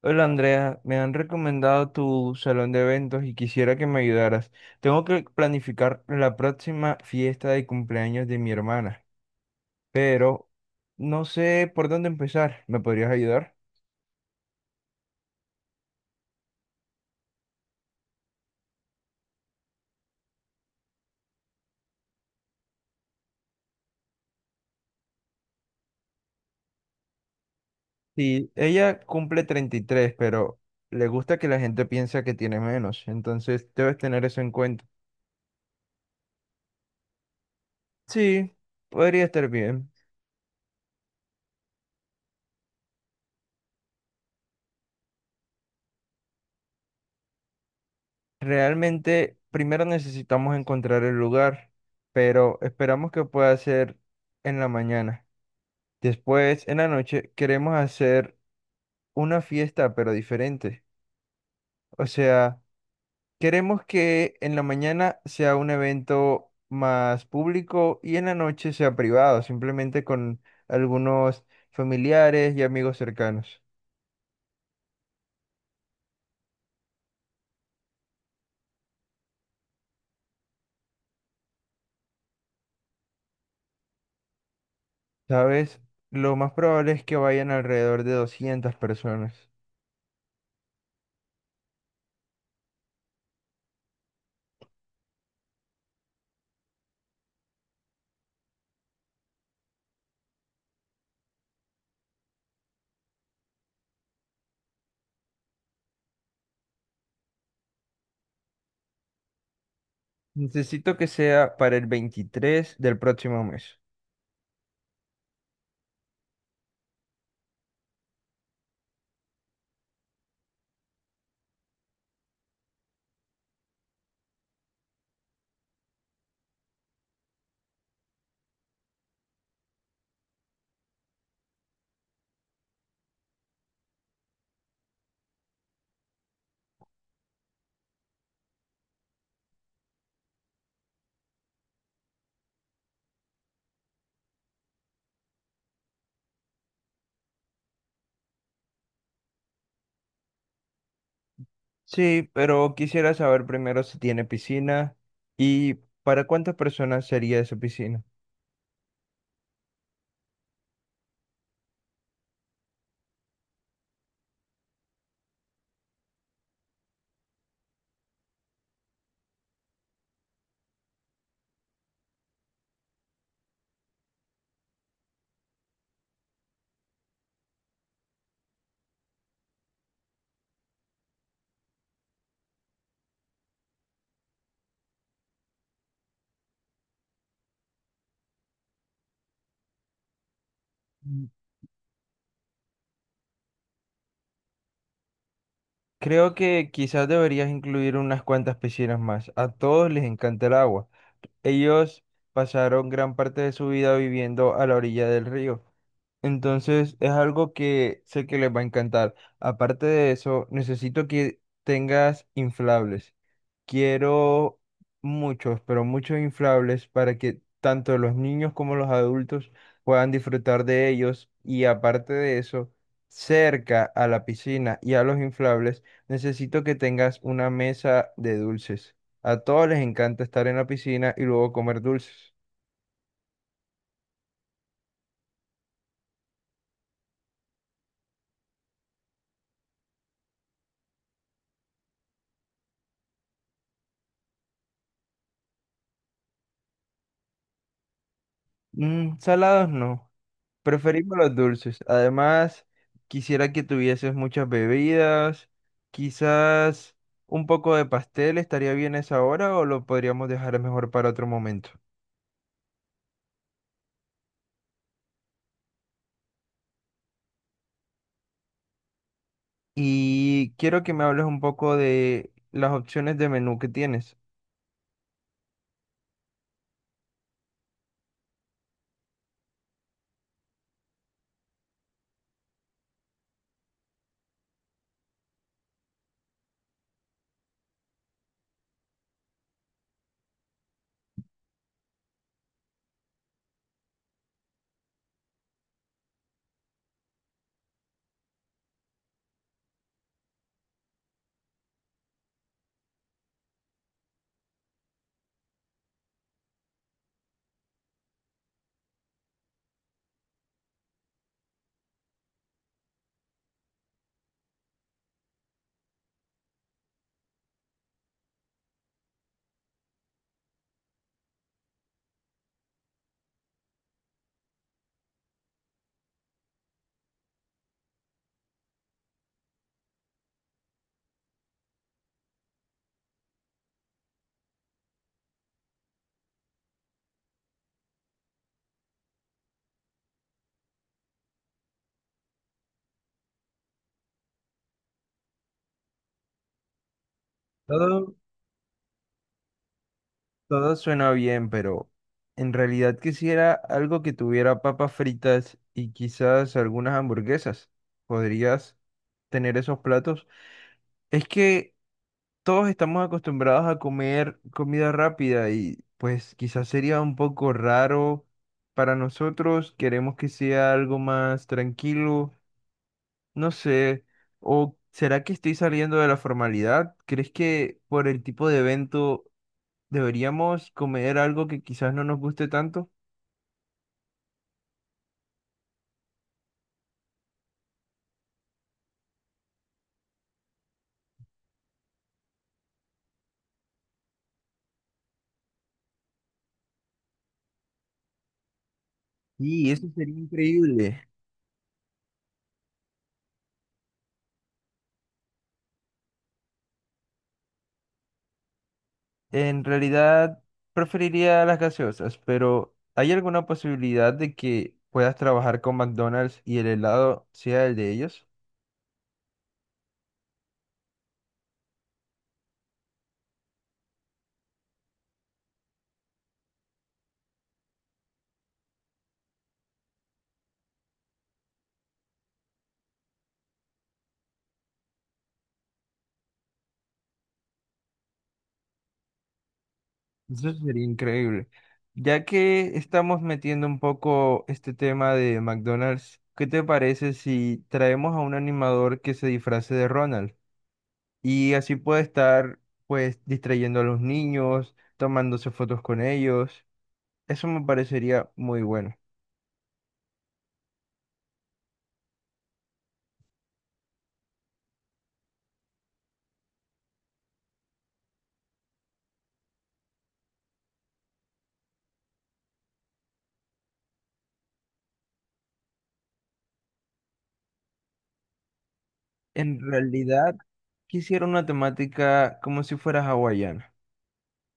Hola Andrea, me han recomendado tu salón de eventos y quisiera que me ayudaras. Tengo que planificar la próxima fiesta de cumpleaños de mi hermana, pero no sé por dónde empezar. ¿Me podrías ayudar? Sí, ella cumple 33, pero le gusta que la gente piensa que tiene menos, entonces debes tener eso en cuenta. Sí, podría estar bien. Realmente, primero necesitamos encontrar el lugar, pero esperamos que pueda ser en la mañana. Después, en la noche, queremos hacer una fiesta, pero diferente. O sea, queremos que en la mañana sea un evento más público y en la noche sea privado, simplemente con algunos familiares y amigos cercanos. ¿Sabes? Lo más probable es que vayan alrededor de 200 personas. Necesito que sea para el 23 del próximo mes. Sí, pero quisiera saber primero si tiene piscina y para cuántas personas sería esa piscina. Mm. Creo que quizás deberías incluir unas cuantas piscinas más. A todos les encanta el agua. Ellos pasaron gran parte de su vida viviendo a la orilla del río. Entonces es algo que sé que les va a encantar. Aparte de eso, necesito que tengas inflables. Quiero muchos, pero muchos inflables para que tanto los niños como los adultos puedan disfrutar de ellos. Y aparte de eso, cerca a la piscina y a los inflables, necesito que tengas una mesa de dulces. A todos les encanta estar en la piscina y luego comer dulces. Mm, salados no. Preferimos los dulces. Además, quisiera que tuvieses muchas bebidas. Quizás un poco de pastel estaría bien esa hora o lo podríamos dejar mejor para otro momento. Y quiero que me hables un poco de las opciones de menú que tienes. Todo, todo suena bien, pero en realidad quisiera algo que tuviera papas fritas y quizás algunas hamburguesas. ¿Podrías tener esos platos? Es que todos estamos acostumbrados a comer comida rápida y pues quizás sería un poco raro para nosotros, queremos que sea algo más tranquilo, no sé, o ¿será que estoy saliendo de la formalidad? ¿Crees que por el tipo de evento deberíamos comer algo que quizás no nos guste tanto? Sí, eso sería increíble. En realidad preferiría las gaseosas, pero ¿hay alguna posibilidad de que puedas trabajar con McDonald's y el helado sea el de ellos? Eso sería increíble. Ya que estamos metiendo un poco este tema de McDonald's, ¿qué te parece si traemos a un animador que se disfrace de Ronald? Y así puede estar pues distrayendo a los niños, tomándose fotos con ellos. Eso me parecería muy bueno. En realidad, quisiera una temática como si fuera hawaiana.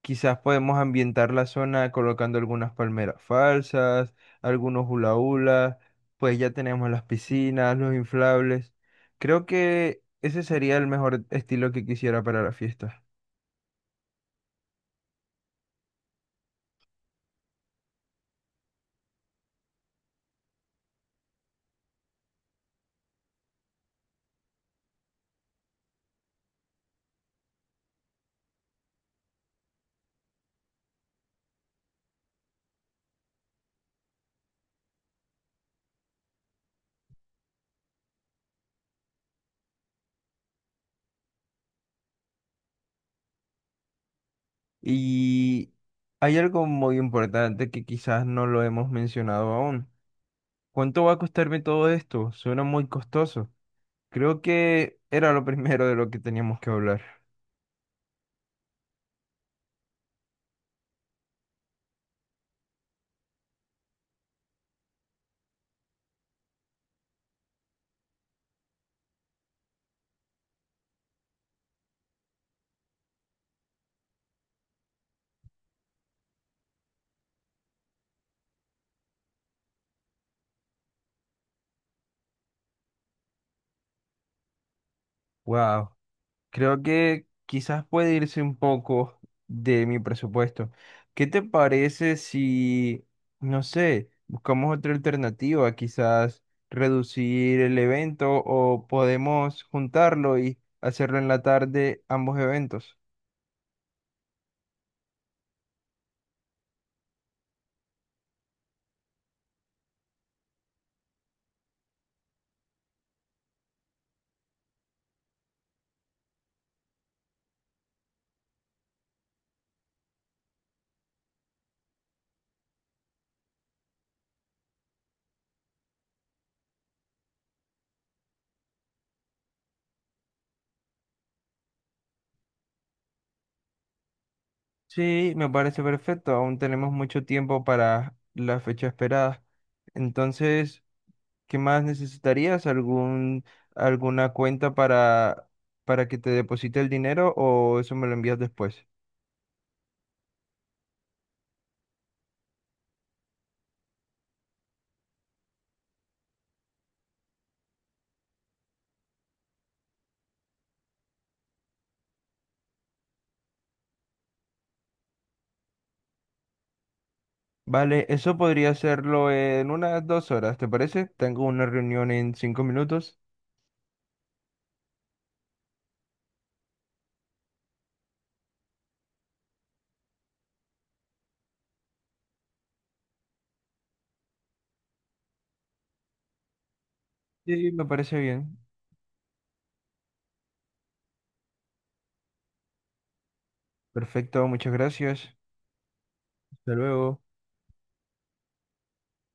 Quizás podemos ambientar la zona colocando algunas palmeras falsas, algunos hula hula, pues ya tenemos las piscinas, los inflables. Creo que ese sería el mejor estilo que quisiera para la fiesta. Y hay algo muy importante que quizás no lo hemos mencionado aún. ¿Cuánto va a costarme todo esto? Suena muy costoso. Creo que era lo primero de lo que teníamos que hablar. Wow, creo que quizás puede irse un poco de mi presupuesto. ¿Qué te parece si, no sé, buscamos otra alternativa, quizás reducir el evento o podemos juntarlo y hacerlo en la tarde, ambos eventos? Sí, me parece perfecto, aún tenemos mucho tiempo para la fecha esperada. Entonces. ¿Qué más necesitarías? ¿Alguna cuenta para, que te deposite el dinero o eso me lo envías después? Vale, eso podría hacerlo en unas 2 horas, ¿te parece? Tengo una reunión en 5 minutos. Sí, me parece bien. Perfecto, muchas gracias. Hasta luego.